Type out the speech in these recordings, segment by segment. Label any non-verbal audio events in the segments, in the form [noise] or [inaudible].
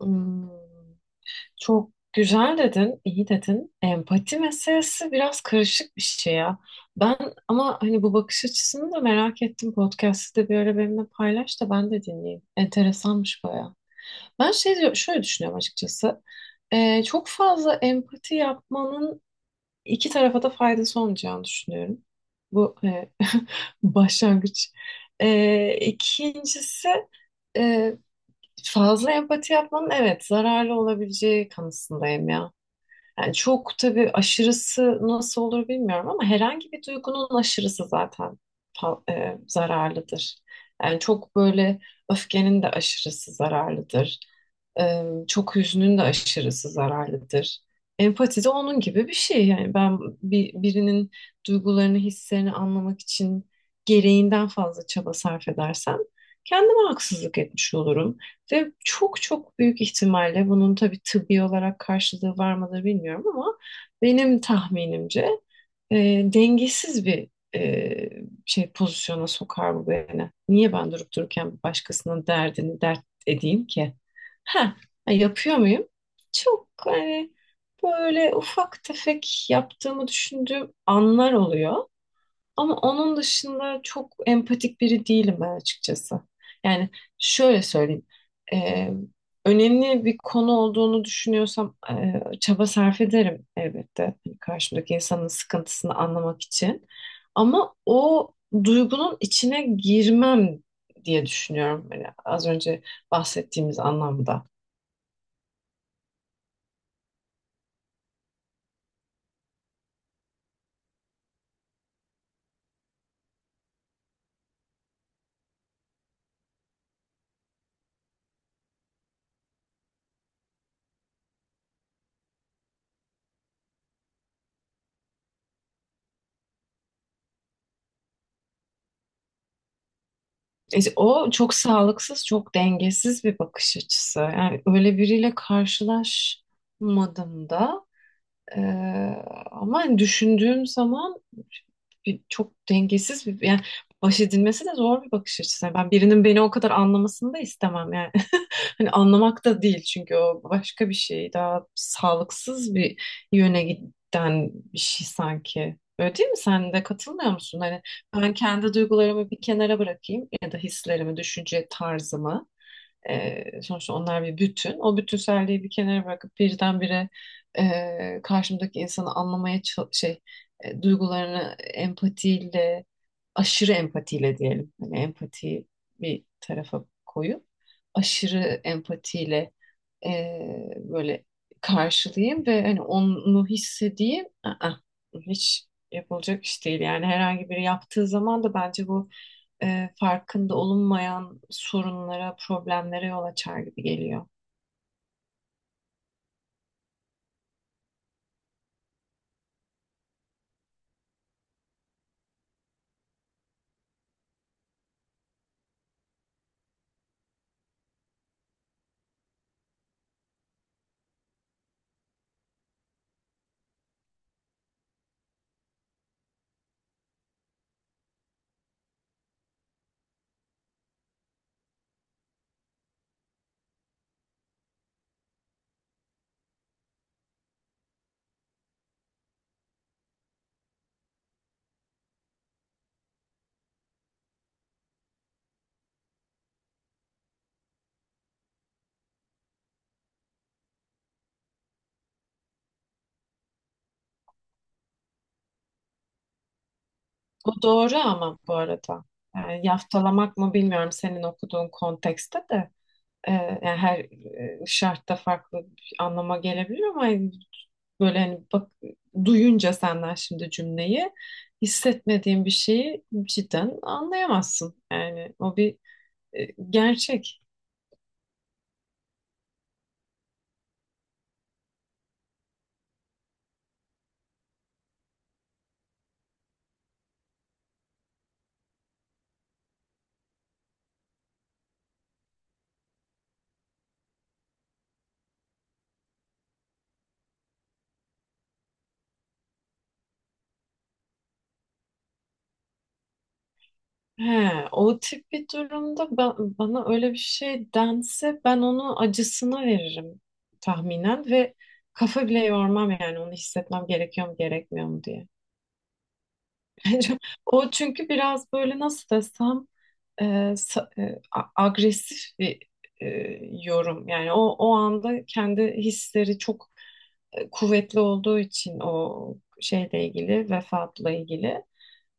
Hmm, çok güzel dedin, iyi dedin. Empati meselesi biraz karışık bir şey ya. Ben ama hani bu bakış açısını da merak ettim. Podcast'ı da bir ara benimle paylaş da ben de dinleyeyim. Enteresanmış bayağı. Ben şöyle düşünüyorum açıkçası. Çok fazla empati yapmanın iki tarafa da faydası olmayacağını düşünüyorum. Bu [laughs] başlangıç. İkincisi fazla empati yapmanın evet zararlı olabileceği kanısındayım ya. Yani çok tabii aşırısı nasıl olur bilmiyorum ama herhangi bir duygunun aşırısı zaten zararlıdır. Yani çok böyle öfkenin de aşırısı zararlıdır. Çok hüznün de aşırısı zararlıdır. Empati de onun gibi bir şey. Yani ben birinin duygularını, hislerini anlamak için gereğinden fazla çaba sarf edersem kendime haksızlık etmiş olurum. Ve çok çok büyük ihtimalle bunun tabii tıbbi olarak karşılığı var mıdır bilmiyorum ama benim tahminimce e, dengesiz bir e, pozisyona sokar bu beni. Niye ben durup dururken başkasının derdini dert edeyim ki? Ha, yapıyor muyum? Çok hani böyle ufak tefek yaptığımı düşündüğüm anlar oluyor. Ama onun dışında çok empatik biri değilim ben açıkçası. Yani şöyle söyleyeyim. Ee, Önemli bir konu olduğunu düşünüyorsam çaba sarf ederim elbette. Hani karşımdaki insanın sıkıntısını anlamak için. Ama o duygunun içine girmem diye düşünüyorum. Hani az önce bahsettiğimiz anlamda. E, o çok sağlıksız, çok dengesiz bir bakış açısı. Yani öyle biriyle karşılaşmadım da. Ee, Ama hani düşündüğüm zaman çok dengesiz bir yani baş edilmesi de zor bir bakış açısı. Yani ben birinin beni o kadar anlamasını da istemem yani. Hani anlamak da değil çünkü o başka bir şey. Daha sağlıksız bir yöne giden bir şey sanki. Öyle değil mi? Sen de katılmıyor musun? Hani ben kendi duygularımı bir kenara bırakayım ya da hislerimi, düşünce tarzımı. Sonuçta onlar bir bütün. O bütünselliği bir kenara bırakıp birdenbire karşımdaki insanı anlamaya ça- şey duygularını empatiyle, aşırı empatiyle diyelim. Hani empatiyi bir tarafa koyup aşırı empatiyle böyle karşılayayım ve hani onu hissedeyim. Aa, hiç yapılacak iş değil. Yani herhangi biri yaptığı zaman da bence bu farkında olunmayan sorunlara, problemlere yol açar gibi geliyor. Bu doğru ama bu arada. Yani yaftalamak mı bilmiyorum senin okuduğun kontekste de. Yani her şartta farklı bir anlama gelebilir ama yani böyle hani bak, duyunca senden şimdi cümleyi, hissetmediğin bir şeyi cidden anlayamazsın. Yani o bir gerçek. He, o tip bir durumda bana öyle bir şey dense ben onu acısına veririm tahminen ve kafa bile yormam yani onu hissetmem gerekiyor mu gerekmiyor mu diye. [laughs] Bence o çünkü biraz böyle nasıl desem, e, agresif bir e, yorum. Yani o o anda kendi hisleri çok kuvvetli olduğu için o şeyle ilgili, vefatla ilgili,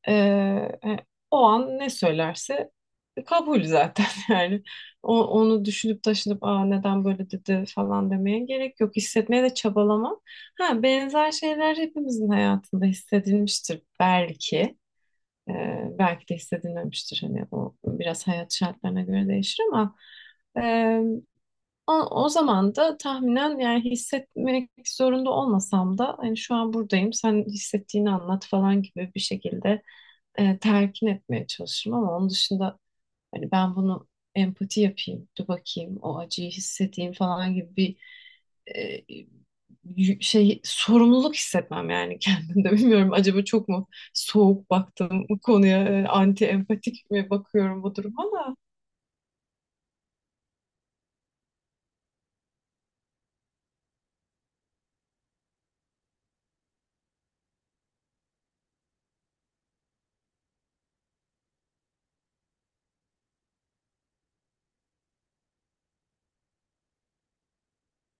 e, e, o an ne söylerse kabul zaten [laughs] yani. Onu düşünüp taşınıp aa, neden böyle dedi falan demeye gerek yok. Hissetmeye de çabalamam. Ha, benzer şeyler hepimizin hayatında hissedilmiştir belki. Belki de hissedilmemiştir hani o biraz hayat şartlarına göre değişir ama e, o zaman da tahminen yani hissetmek zorunda olmasam da hani şu an buradayım sen hissettiğini anlat falan gibi bir şekilde telkin etmeye çalışırım ama onun dışında hani ben bunu empati yapayım, dur bakayım o acıyı hissedeyim falan gibi bir e, sorumluluk hissetmem yani kendimde [laughs] bilmiyorum acaba çok mu soğuk baktım bu konuya, anti empatik mi bakıyorum bu duruma da.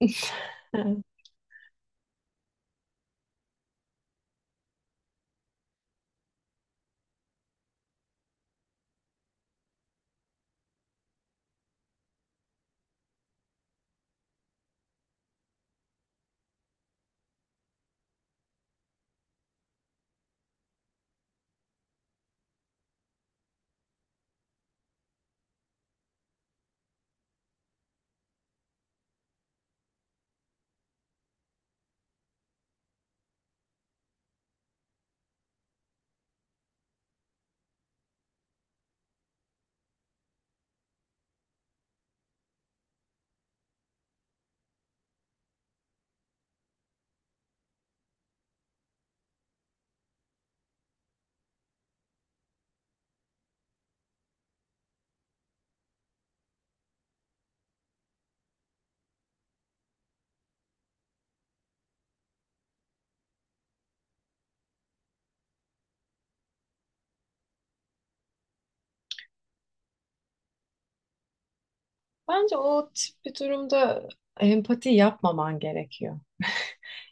[laughs] Bence o tip bir durumda empati yapmaman gerekiyor.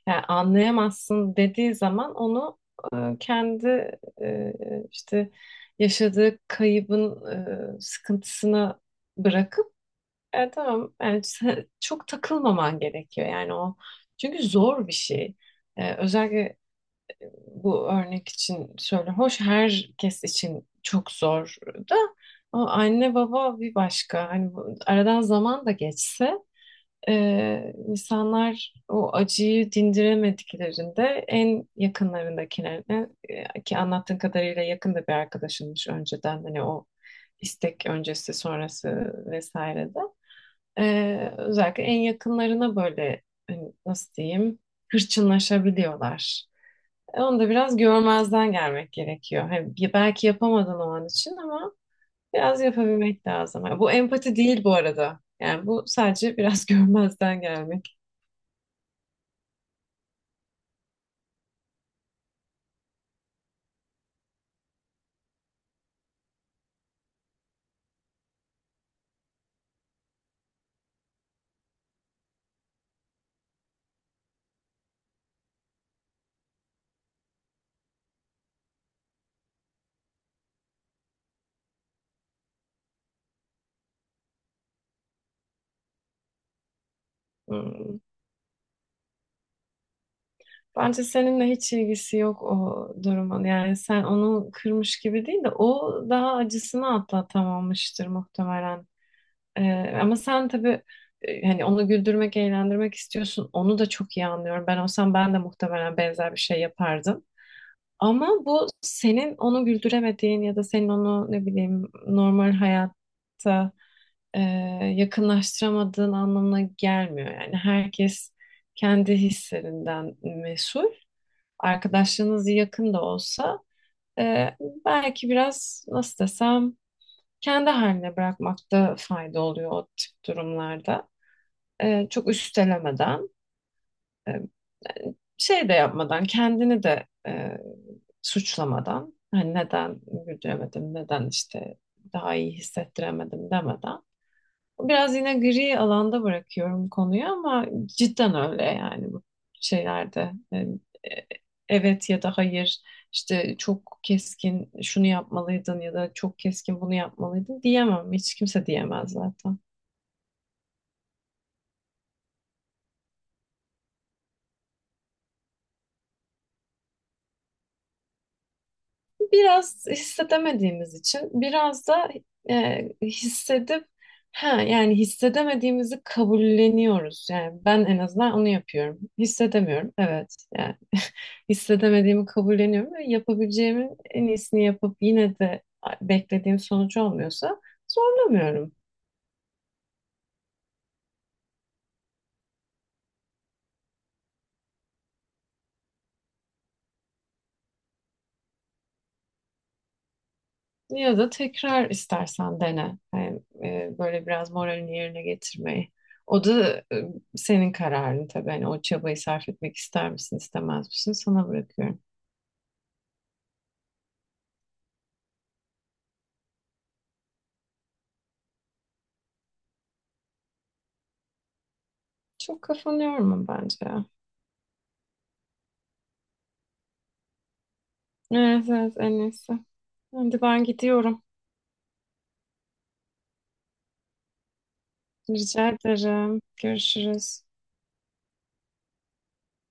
Yani anlayamazsın dediği zaman onu kendi işte yaşadığı kaybın sıkıntısına bırakıp. E, tamam. Yani [laughs] çok takılmaman gerekiyor yani o. Çünkü zor bir şey. E, özellikle bu örnek için söyle. Hoş herkes için çok zor da, ama anne baba bir başka. Hani aradan zaman da geçse insanlar o acıyı dindiremediklerinde en yakınlarındakilerine, ki anlattığın kadarıyla yakında bir arkadaşınmış önceden, hani o istek öncesi sonrası vesaire de. Özellikle en yakınlarına böyle, hani nasıl diyeyim, hırçınlaşabiliyorlar. E, onu da biraz görmezden gelmek gerekiyor. Hani belki yapamadın o an için ama biraz yapabilmek lazım. Ha, bu empati değil bu arada. Yani bu sadece biraz [laughs] görmezden gelmek. Hmm. Bence seninle hiç ilgisi yok o durumun. Yani sen onu kırmış gibi değil de o daha acısını atlatamamıştır muhtemelen. Ama sen tabii, hani onu güldürmek, eğlendirmek istiyorsun. Onu da çok iyi anlıyorum. Ben olsam ben de muhtemelen benzer bir şey yapardım. Ama bu senin onu güldüremediğin ya da senin onu ne bileyim normal hayatta e, yakınlaştıramadığın anlamına gelmiyor. Yani herkes kendi hislerinden mesul. Arkadaşlığınız yakın da olsa e, belki biraz nasıl desem kendi haline bırakmakta fayda oluyor o tip durumlarda. Çok üstelemeden, e, şey de yapmadan, kendini de suçlamadan, hani neden güldüremedim, neden işte daha iyi hissettiremedim demeden. Biraz yine gri alanda bırakıyorum konuyu ama cidden öyle yani bu şeylerde. Yani, e, evet ya da hayır işte çok keskin şunu yapmalıydın ya da çok keskin bunu yapmalıydın diyemem. Hiç kimse diyemez zaten. Biraz hissedemediğimiz için biraz da hissedip ha yani hissedemediğimizi kabulleniyoruz. Yani ben en azından onu yapıyorum. Hissedemiyorum. Evet. Yani hissedemediğimi kabulleniyorum ve yapabileceğimin en iyisini yapıp yine de beklediğim sonucu olmuyorsa zorlamıyorum. Ya da tekrar istersen dene. Yani, böyle biraz moralini yerine getirmeyi. O da senin kararın tabii. Hani o çabayı sarf etmek ister misin, istemez misin sana bırakıyorum. Çok kafanı yorma bence ya. Evet, evet en iyisi. Şimdi ben gidiyorum. Rica ederim. Görüşürüz.